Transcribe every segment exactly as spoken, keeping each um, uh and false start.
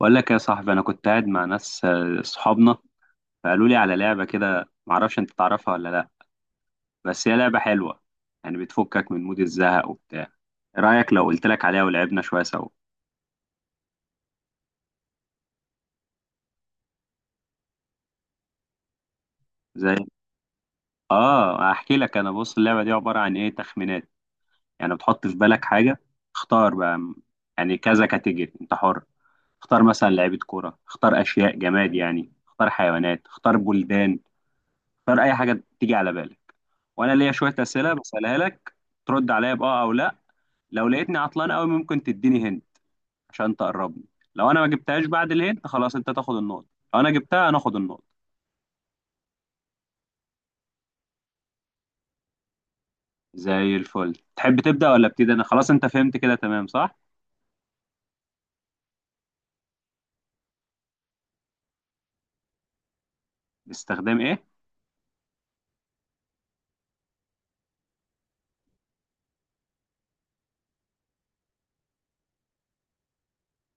بقول لك يا صاحبي، انا كنت قاعد مع ناس، آه، صحابنا، فقالوا لي على لعبه كده، معرفش انت تعرفها ولا لا. بس هي لعبه حلوه، يعني بتفكك من مود الزهق وبتاع. إيه رايك لو قلت لك عليها ولعبنا شويه سوا؟ زي. اه، احكي لك. انا بص، اللعبه دي عباره عن ايه؟ تخمينات. يعني بتحط في بالك حاجه، اختار بقى م- يعني كذا كاتيجوري، انت حر. اختار مثلا لعيبه كوره، اختار اشياء جماد، يعني اختار حيوانات، اختار بلدان، اختار اي حاجه تيجي على بالك. وانا ليا شويه اسئله بسالها لك، ترد عليا باه او لا. لو لقيتني عطلان قوي، ممكن تديني هند عشان تقربني. لو انا ما جبتهاش بعد الهند خلاص انت تاخد النقطه، لو انا جبتها انا اخد النقطه. زي الفل. تحب تبدا ولا ابتدي انا؟ خلاص انت فهمت كده تمام صح؟ باستخدام ايه؟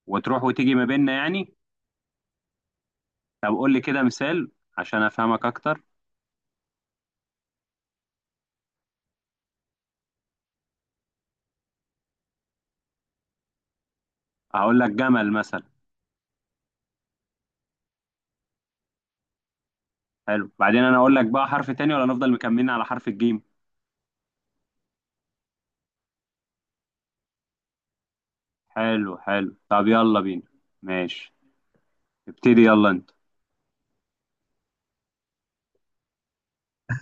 وتروح وتيجي ما بيننا يعني؟ طب قول لي كده مثال عشان افهمك اكتر. هقول لك جمل مثلا. حلو، بعدين انا اقول لك بقى حرف تاني، ولا نفضل مكملين على حرف الجيم؟ حلو حلو، طب يلا بينا. ماشي. ابتدي يلا انت.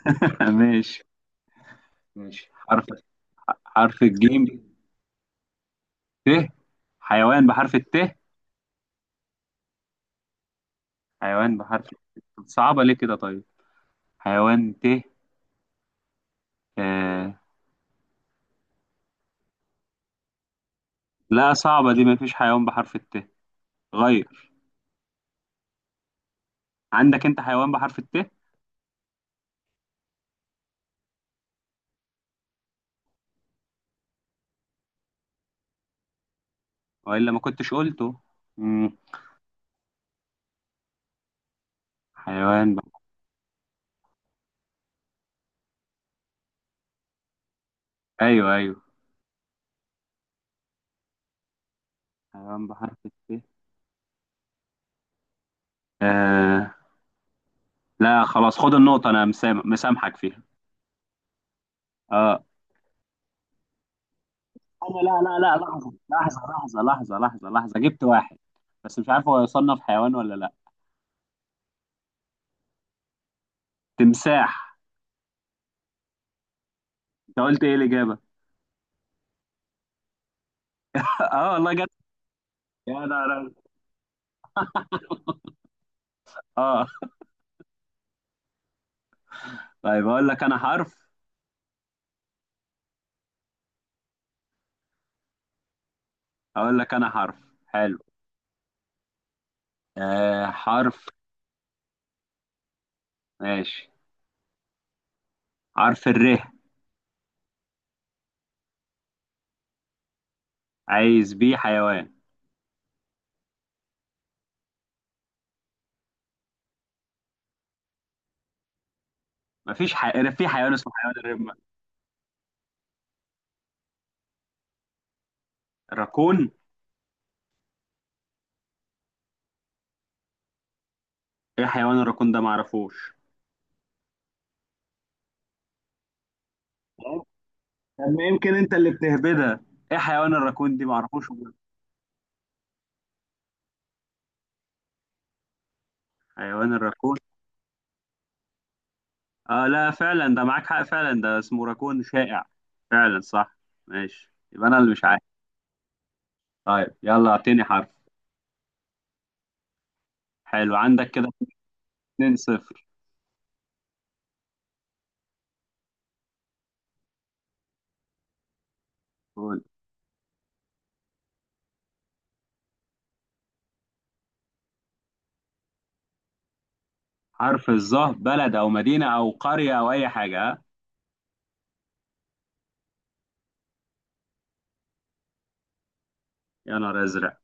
ماشي. ماشي، حرف حرف الجيم. ت، حيوان بحرف الت. حيوان بحرف الت صعبة ليه كده طيب؟ حيوان ت. آه. لا، صعبة دي، مفيش حيوان بحرف الت غير. عندك انت حيوان بحرف الت؟ وإلا ما كنتش قلته. مم. حيوان ب... ايوه ايوه. حيوان بحرف الت. آه. لا، خلاص خد النقطة، انا مسام... مسامحك فيها. اه. انا لا لا لا، لحظه لحظه لحظه لحظه لحظه لحظه، جبت واحد، بس مش عارف هو يصنف حيوان ولا لا. تمساح. انت قلت ايه الاجابه؟ اه والله جت. يا نهار أبيض. اه. طيب، اقول لك انا حرف اقول لك انا حرف. حلو. آه، حرف. ماشي، حرف الر. عايز بيه حيوان. مفيش حي... في حيوان اسمه حيوان الر... الراكون. ايه حيوان الراكون ده؟ معرفوش. طب ما يمكن انت اللي بتهبدها. ايه حيوان الراكون دي؟ معرفوش والله. حيوان الراكون. آه لا فعلا، ده معاك حق، فعلا ده اسمه راكون شائع. فعلا صح. ماشي، يبقى انا اللي مش عارف. طيب يلا اعطيني حرف. حلو، عندك كده اتنين 0. قول. حرف الظهر، بلد او مدينة او قرية او اي حاجة، ها؟ يا نهار ازرق.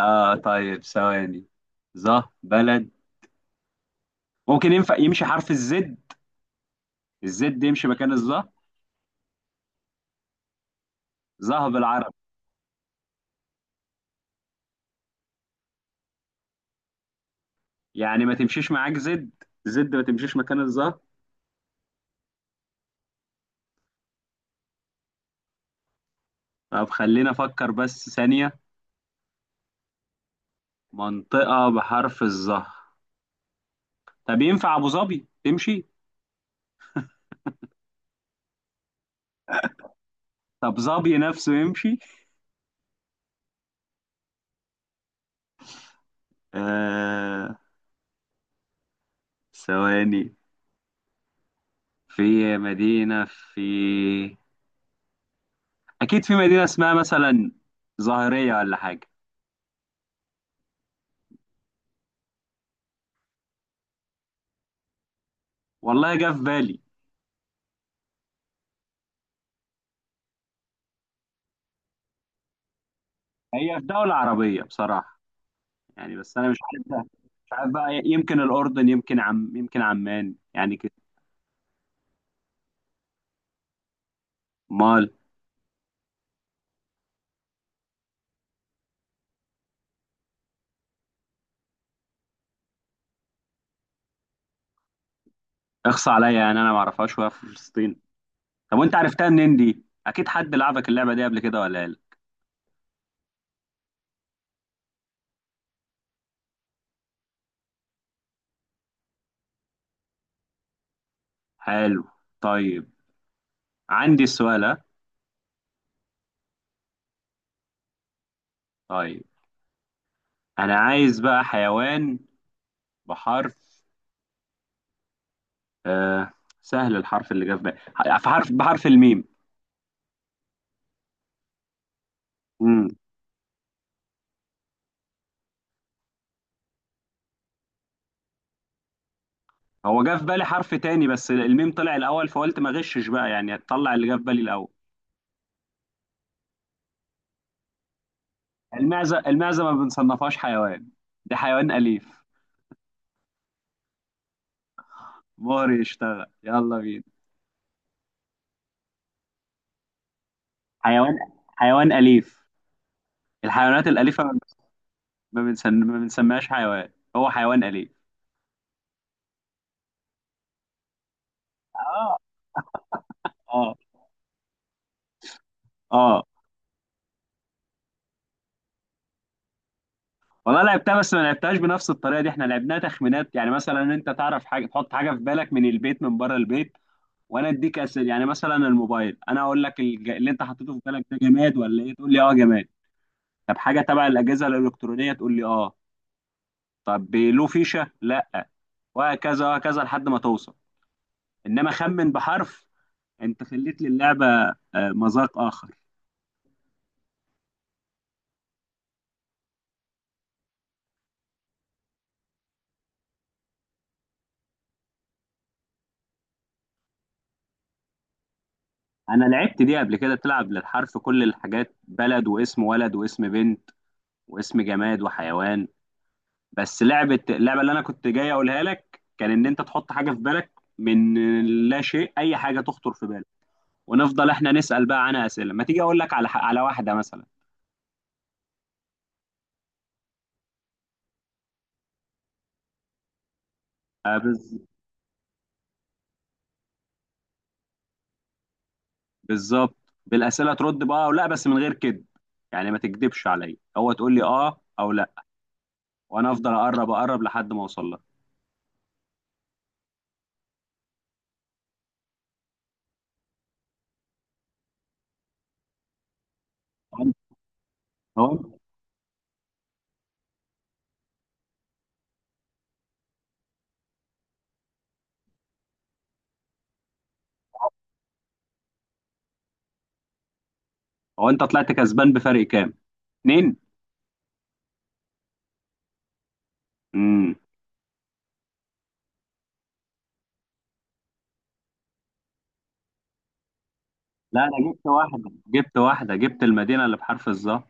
اه طيب، ثواني. ظه بلد. ممكن ينفع يمشي حرف الزد؟ الزد يمشي مكان الظه؟ ظه بالعربي. يعني ما تمشيش معاك زد؟ زد ما تمشيش مكان الظه؟ طب خلينا افكر بس ثانية. منطقة بحرف الظه. طب ينفع ابو ظبي تمشي؟ طب ظبي نفسه يمشي؟ آه، ثواني. في مدينة في أكيد في مدينة اسمها مثلا ظاهرية ولا حاجة. والله جه في بالي. هي في دولة عربية بصراحة، يعني بس أنا مش عارف بقى- مش عارف بقى، يمكن الأردن، يمكن عم يمكن عمان يعني كده. أمال. اخصى عليا، يعني أنا ما أعرفهاش وهي في فلسطين؟ طب وأنت عرفتها منين دي؟ أكيد حد لعبك اللعبة دي قبل كده ولا لا؟ حلو. طيب، عندي السؤال، ها؟ طيب، انا عايز بقى حيوان بحرف، آه، سهل، الحرف اللي جه في بالي ح- في حرف، بحرف الميم. امم هو جه في بالي حرف تاني، بس الميم طلع الاول فقلت ما غشش بقى، يعني هتطلع اللي جه في بالي الاول. المعزه المعزه ما بنصنفهاش حيوان، ده حيوان اليف. مهر يشتغل، يلا بينا. حيوان، حيوان اليف، الحيوانات الاليفه. ما بنسن... ما بنسميهاش حيوان، هو حيوان اليف. اه. اه. اه والله لعبتها، بس ما لعبتهاش بنفس الطريقه دي. احنا لعبناها تخمينات، يعني مثلا انت تعرف حاجه، تحط حاجه في بالك، من البيت من بره البيت، وانا اديك اسئله. يعني مثلا الموبايل، انا اقول لك الج... اللي انت حطيته في بالك ده جماد ولا ايه؟ تقول لي اه جماد. طب حاجه تبع الاجهزه الالكترونيه؟ تقول لي اه. طب له فيشه؟ لا. وهكذا وهكذا لحد ما توصل. انما خمن بحرف، انت خليت للعبه آه، مذاق اخر. انا لعبت دي قبل كده، تلعب للحرف كل الحاجات، بلد واسم ولد واسم بنت واسم جماد وحيوان. بس لعبه اللعبه اللي انا كنت جاي اقولها لك، كان ان انت تحط حاجه في بالك من لا شيء، اي حاجه تخطر في بالك، ونفضل احنا نسال بقى عنها اسئله. ما تيجي اقول لك على ح- على واحده مثلا. آه، بز- بالظبط. بالاسئله ترد بقى او لا، بس من غير كذب، يعني ما تكذبش عليا، هو تقول لي اه او لا. وانا افضل اقرب اقرب لحد ما اوصل لك. هو أنت- هو، هو انت طلعت كسبان بفرق كام؟ اتنين. امم لا، انا جبت واحده، جبت واحده، جبت المدينه اللي بحرف الظهر.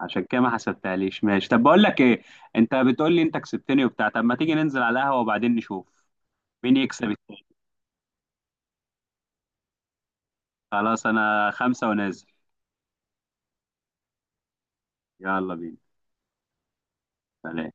عشان كده ما حسبتهاليش. ماشي، طب بقول لك ايه، انت بتقول لي انت كسبتني وبتاع، طب ما تيجي ننزل على القهوة وبعدين نشوف مين يكسب التاني. خلاص، انا خمسة ونازل. يلا بينا. سلام.